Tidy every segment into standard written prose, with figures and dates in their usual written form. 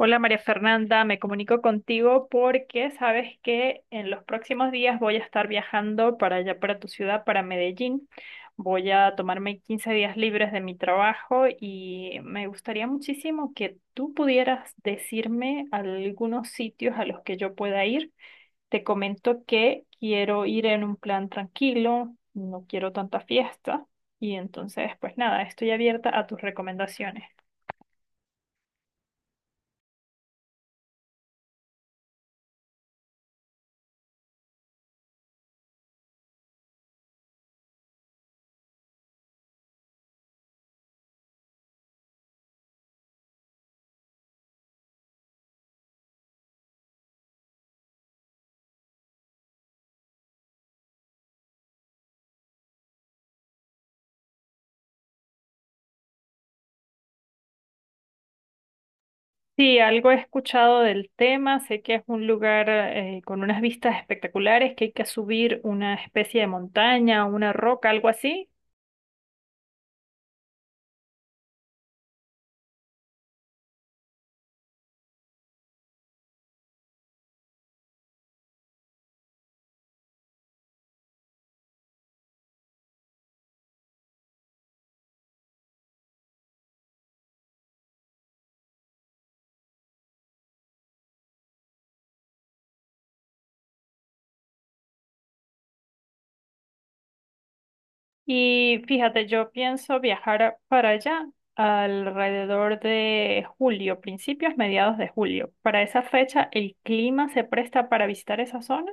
Hola María Fernanda, me comunico contigo porque sabes que en los próximos días voy a estar viajando para allá, para tu ciudad, para Medellín. Voy a tomarme 15 días libres de mi trabajo y me gustaría muchísimo que tú pudieras decirme algunos sitios a los que yo pueda ir. Te comento que quiero ir en un plan tranquilo, no quiero tanta fiesta y entonces pues nada, estoy abierta a tus recomendaciones. Sí, algo he escuchado del tema, sé que es un lugar con unas vistas espectaculares, que hay que subir una especie de montaña, una roca, algo así. Y fíjate, yo pienso viajar para allá alrededor de julio, principios, mediados de julio. Para esa fecha, ¿el clima se presta para visitar esa zona?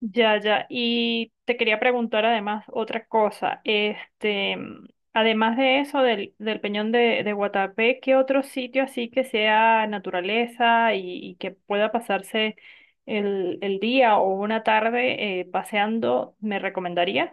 Ya, ya. Y te quería preguntar además otra cosa. Este, además de eso, del Peñón de Guatapé, ¿qué otro sitio así que sea naturaleza y que pueda pasarse el día o una tarde paseando me recomendarías?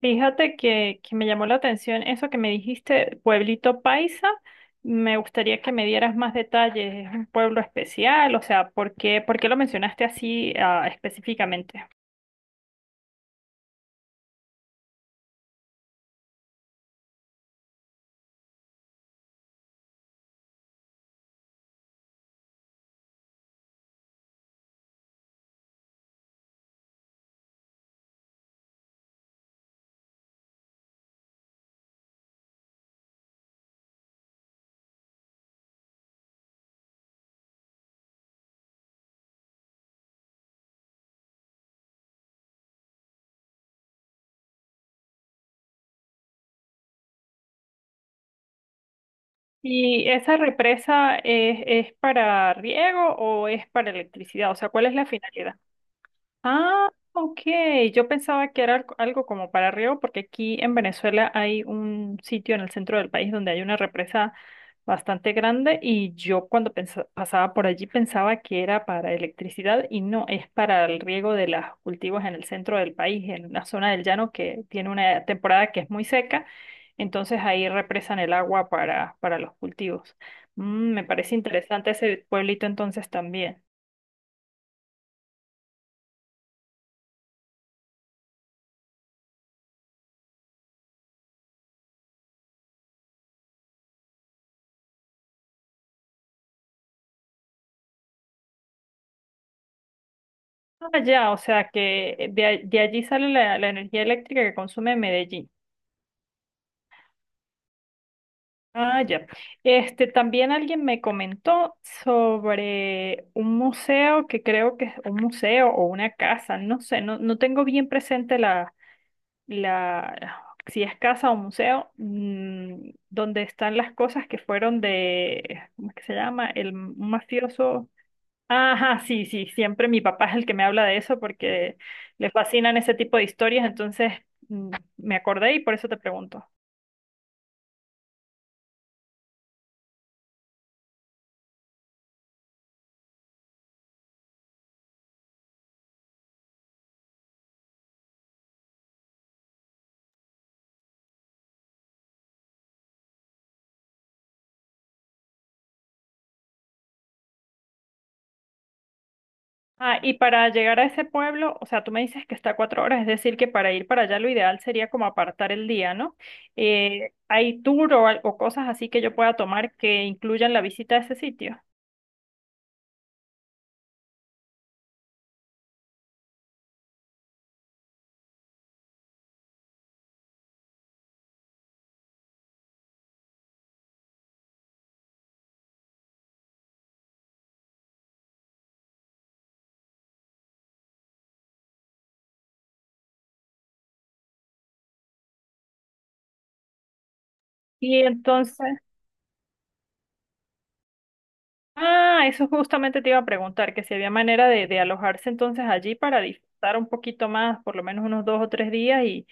Fíjate que me llamó la atención eso que me dijiste, Pueblito Paisa. Me gustaría que me dieras más detalles. ¿Es un pueblo especial? O sea, ¿por qué lo mencionaste así, ah, específicamente? ¿Y esa represa es para riego o es para electricidad? O sea, ¿cuál es la finalidad? Ah, ok. Yo pensaba que era algo algo como para arriba, porque aquí en Venezuela hay un sitio en el centro del país donde hay una represa bastante grande y yo cuando pasaba por allí pensaba que era para electricidad y no, es para el riego de los cultivos en el centro del país, en la zona del llano que tiene una temporada que es muy seca, entonces ahí represan el agua para los cultivos. Me parece interesante ese pueblito entonces también. Ah, ya, o sea que de allí sale la energía eléctrica que consume Medellín. Ah, ya. Este, también alguien me comentó sobre un museo que creo que es un museo o una casa, no sé, no tengo bien presente la, si es casa o museo, donde están las cosas que fueron de, ¿cómo es que se llama? El un mafioso. Ajá, sí, sí, siempre mi papá es el que me habla de eso porque le fascinan ese tipo de historias, entonces mm, me acordé y por eso te pregunto. Ah, y para llegar a ese pueblo, o sea, tú me dices que está a 4 horas, es decir, que para ir para allá lo ideal sería como apartar el día, ¿no? ¿Hay tour o cosas así que yo pueda tomar que incluyan la visita a ese sitio? Y entonces, Ah, eso justamente te iba a preguntar, que si había manera de alojarse entonces allí para disfrutar un poquito más, por lo menos unos 2 o 3 días y,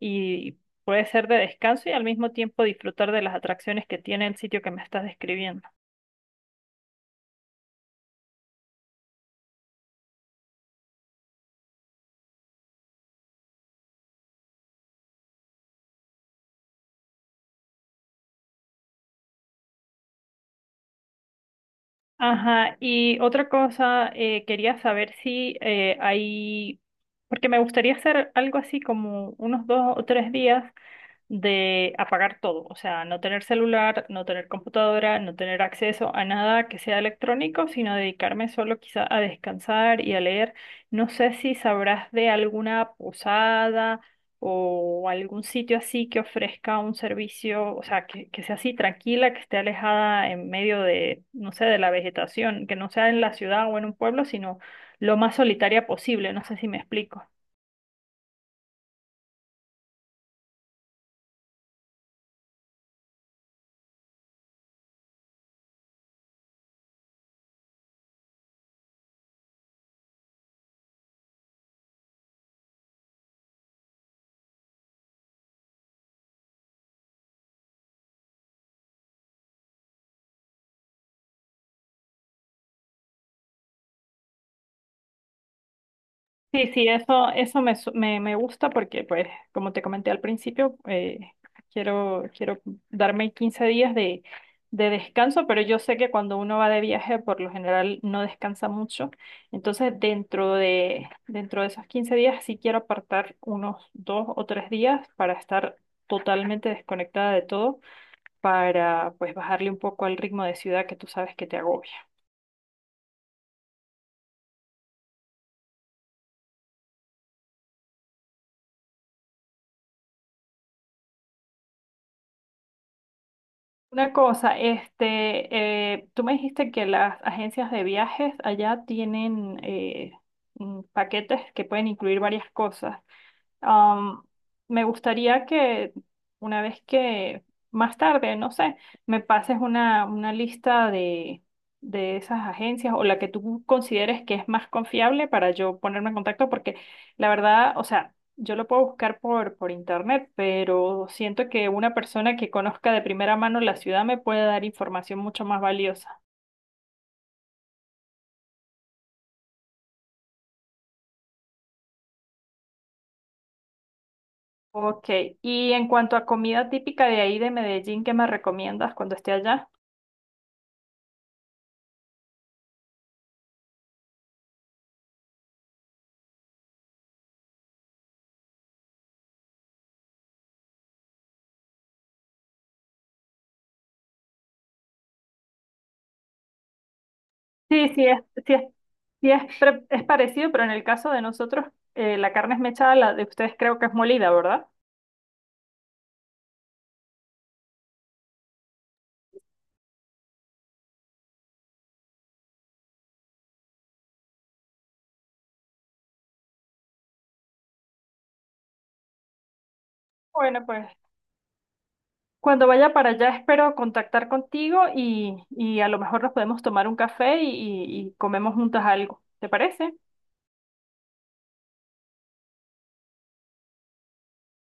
y puede ser de descanso y al mismo tiempo disfrutar de las atracciones que tiene el sitio que me estás describiendo. Ajá, y otra cosa, quería saber si hay, porque me gustaría hacer algo así como unos 2 o 3 días de apagar todo, o sea, no tener celular, no tener computadora, no tener acceso a nada que sea electrónico, sino dedicarme solo quizá a descansar y a leer. No sé si sabrás de alguna posada o algún sitio así que ofrezca un servicio, o sea, que sea así tranquila, que esté alejada en medio de, no sé, de la vegetación, que no sea en la ciudad o en un pueblo, sino lo más solitaria posible, no sé si me explico. Sí, sí, eso me gusta porque, pues, como te comenté al principio, quiero darme 15 días de descanso, pero yo sé que cuando uno va de viaje, por lo general no descansa mucho. Entonces, dentro de esos 15 días, sí quiero apartar unos 2 o 3 días para estar totalmente desconectada de todo, para, pues, bajarle un poco al ritmo de ciudad que tú sabes que te agobia. Una cosa, este, tú me dijiste que las agencias de viajes allá tienen paquetes que pueden incluir varias cosas. Am, me gustaría que una vez que más tarde, no sé, me pases una lista de esas agencias o la que tú consideres que es más confiable para yo ponerme en contacto, porque la verdad, o sea, yo lo puedo buscar por internet, pero siento que una persona que conozca de primera mano la ciudad me puede dar información mucho más valiosa. Ok, y en cuanto a comida típica de ahí de Medellín, ¿qué me recomiendas cuando esté allá? Sí, sí, sí es, es parecido, pero en el caso de nosotros, la carne es mechada, la de ustedes creo que es molida, ¿verdad? Bueno, pues cuando vaya para allá espero contactar contigo y a lo mejor nos podemos tomar un café y comemos juntas algo. ¿Te parece?